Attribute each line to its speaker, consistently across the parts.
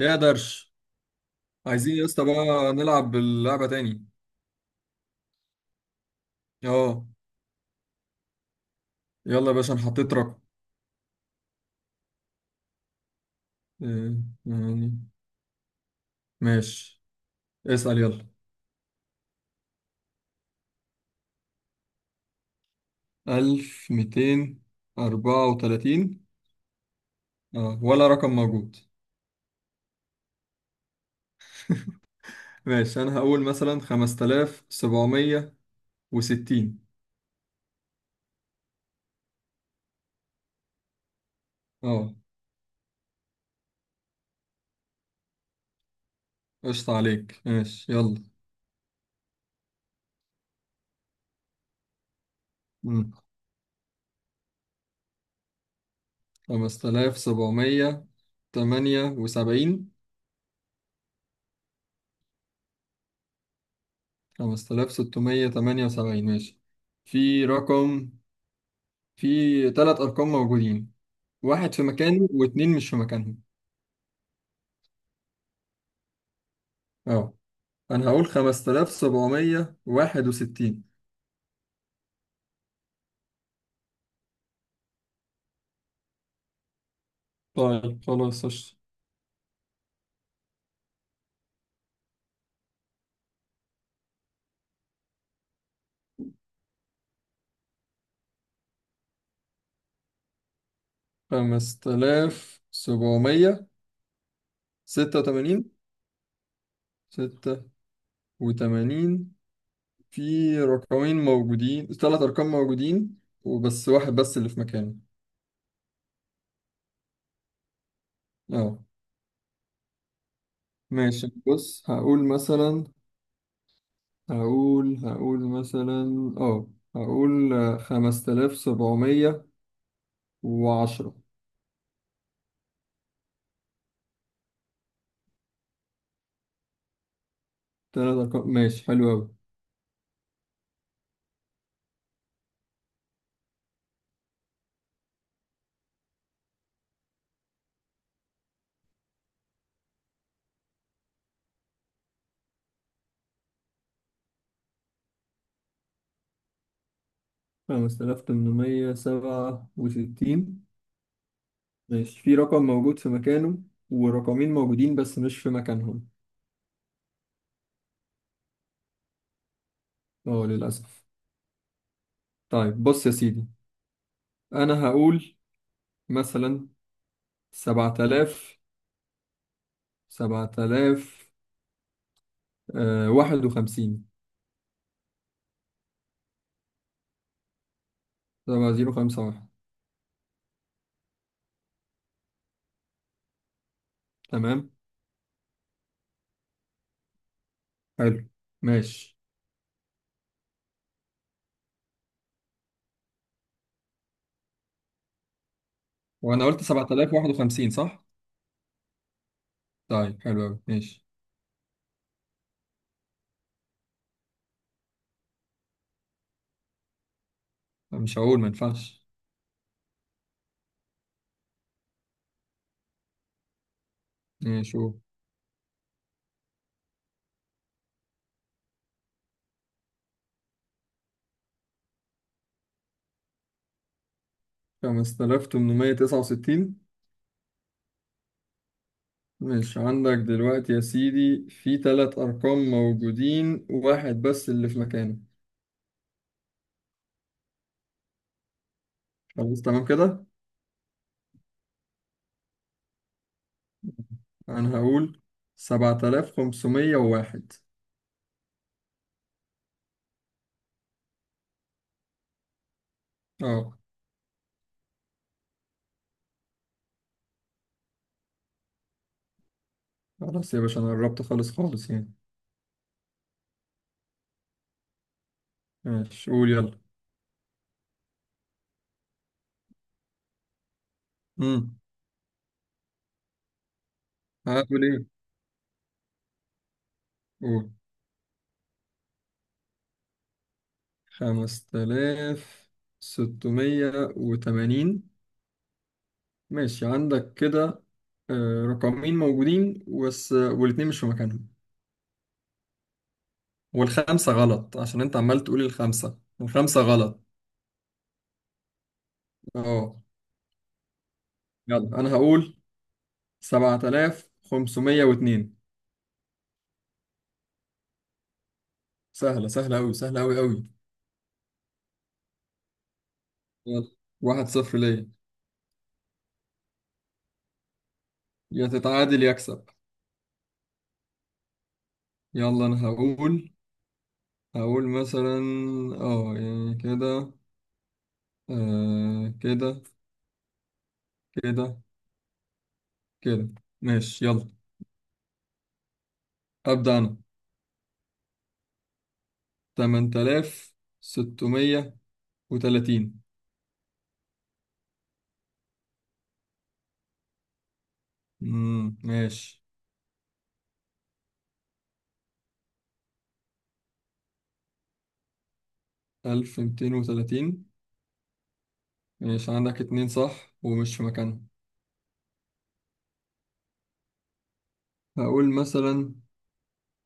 Speaker 1: ايه يا درش؟ عايزين يا اسطى بقى نلعب اللعبة تاني. اه. يلا يا باشا انا حطيت رقم. آه، يعني. ماشي. اسأل يلا. ألف ميتين أربعة وتلاتين. اه، ولا رقم موجود. ماشي أنا هقول مثلا خمسة آلاف سبعمية وستين. اه. قشطة عليك ماشي يلا. مم. خمسة آلاف سبعمية تمانية وسبعين. خمسة آلاف ستمية تمانية وسبعين ماشي. في رقم في ثلاث أرقام موجودين، واحد في مكانه واتنين مش في مكانهم. اه. أنا هقول خمسة آلاف سبعمية واحد وستين. طيب خلاص قشطة. خمسة آلاف سبعمية ستة وتمانين. ستة وتمانين. في رقمين موجودين ثلاث أرقام موجودين وبس واحد بس اللي في مكانه. اه. ماشي بص هقول مثلا هقول هقول مثلا اه هقول خمسة آلاف سبعمية وعشرة. تلات أرقام، ماشي حلو أوي. خمسة آلاف تمنمية سبعة وستين ماشي. في رقم موجود في مكانه ورقمين موجودين بس مش في مكانهم. اه، للأسف. طيب بص يا سيدي، أنا هقول مثلا سبعة آلاف سبعة آلاف واحد وخمسين. سبعة زيرو خمسة واحد. تمام، حلو، ماشي. وأنا قلت سبعة آلاف واحد وخمسين صح؟ طيب حلو أوي ماشي. مش هقول ما ينفعش. ماشي هو خمسة آلاف تمنمية تسعة وستين. ماشي عندك دلوقتي يا سيدي في ثلاث أرقام موجودين، واحد بس اللي في مكانه. خلاص تمام كده. أنا هقول سبعة آلاف خمسمية وواحد. اه. خلاص يا باشا، أنا قربت خالص خالص يعني. ماشي قول يلا. امم هقول إيه؟ قول خمسة آلاف ستمية وتمانين. ماشي عندك كده رقمين موجودين بس والاتنين مش في مكانهم. والخمسة غلط عشان أنت عمال تقول الخمسة غلط. اه. يلا انا هقول 7502. سهلة سهلة أوي سهلة أوي أوي. يلا. واحد صفر ليا. يا تتعادل يا أكسب. يلا أنا هقول مثلا اه يعني كده كده كده كده. ماشي يلا. أبدأ أنا. 8630. ماشي. 1230. ماشي عندك اتنين صح ومش في مكانهم. هقول مثلا،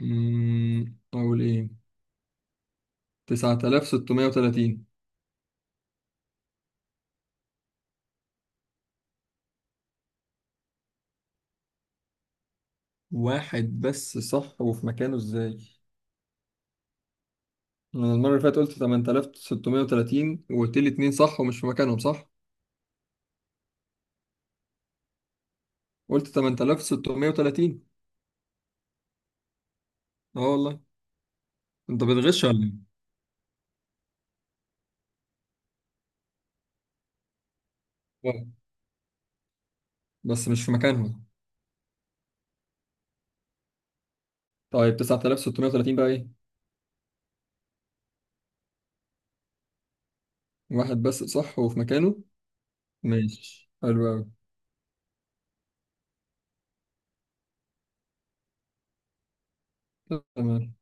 Speaker 1: أقول إيه؟ 9630. واحد بس صح وفي مكانه إزاي؟ أنا المرة اللي فاتت قلت 8630 وقلت لي اتنين صح ومش في مكانهم صح؟ قلت 8630. أه والله. أنت بتغش ولا إيه؟ آه. بس مش في مكانهم. طيب 9630 بقى إيه؟ واحد بس صح وفي مكانه؟ ماشي حلو أوي. تمام.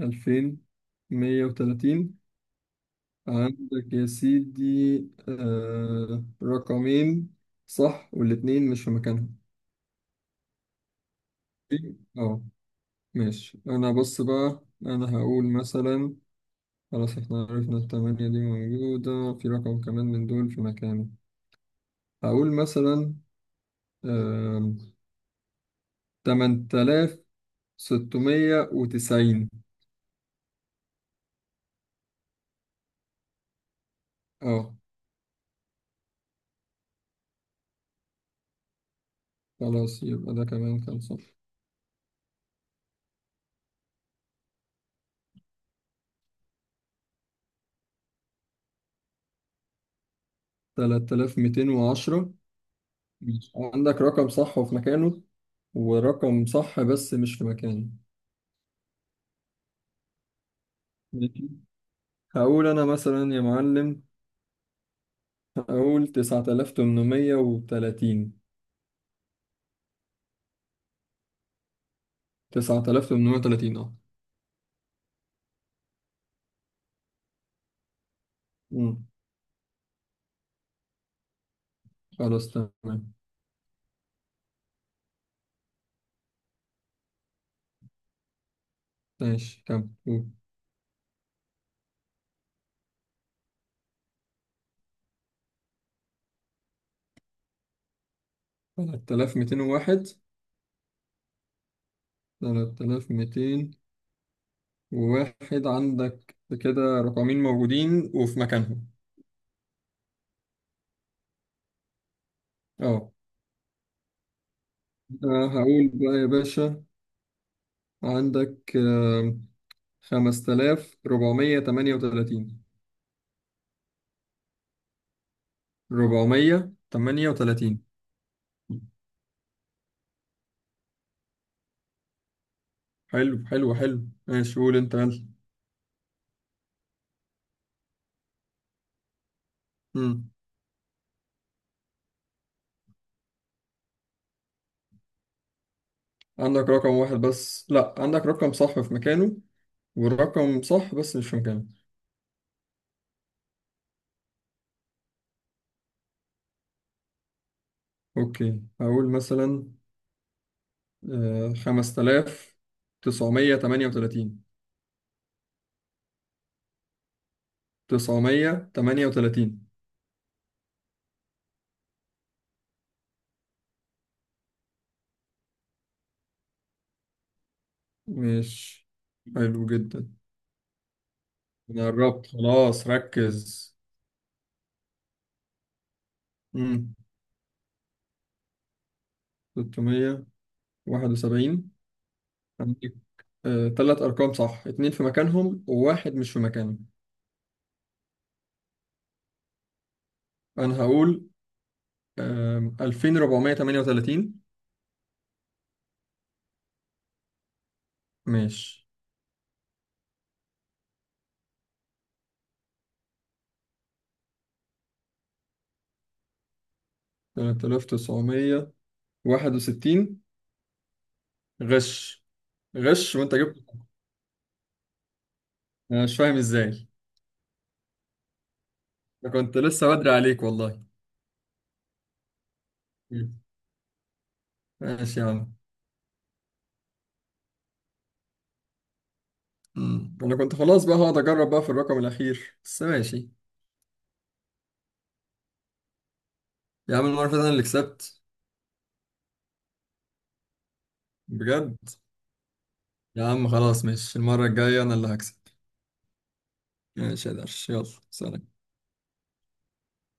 Speaker 1: 2130. عندك يا سيدي رقمين صح والاتنين مش في مكانهم. في- اه ماشي. انا بص بقى انا هقول مثلا، خلاص احنا عرفنا التمانية دي موجودة في رقم كمان من دول في مكانه. هقول مثلا آم، تمن تلاف ستمية وتسعين. اه. خلاص يبقى ده كمان كان صح. تلات آلاف ميتين وعشرة. ماشي. عندك رقم صح وفي مكانه ورقم صح بس مش في مكانه. ماشي. هقول أنا مثلا يا معلم. هقول تسعة آلاف تمنمية وتلاتين. تسعة آلاف تمنمية وتلاتين أه. أمم. خلاص تمام. ماشي. كم؟ تلات آلاف ميتين وواحد. تلات آلاف ميتين وواحد عندك كده، رقمين موجودين وفي مكانهم. أه. هقول بقى يا باشا. عندك خمسة آلاف ربعمية تمانية وتلاتين. ربعمية تمانية وتلاتين. حلو حلو حلو. ماشي قول أنت. يلا. عندك رقم واحد بس، لا، عندك رقم صح في مكانه والرقم صح بس مش في مكانه. اوكي هقول مثلا خمسة آلاف تسعمية تمانية وتلاتين. تسعمية تمانية وتلاتين. مش حلو جدا. أنا قربت خلاص، ركز. مم. تلتمية واحد وسبعين. عندك تلات أرقام صح، اتنين في مكانهم وواحد مش في مكانه. أنا هقول ألفين ربعمية تمانية وتلاتين. ماشي. 3961. غش، غش وانت جبت. انا مش فاهم ازاي. انا كنت لسه بدري عليك والله. مم. ماشي يا عم. مم. انا كنت خلاص بقى هقعد اجرب بقى في الرقم الاخير بس ماشي. يا عم المره اللي فاتت انا اللي كسبت. بجد؟ يا عم خلاص ماشي، المره الجايه انا اللي هكسب. ماشي يا درش يلا. سلام.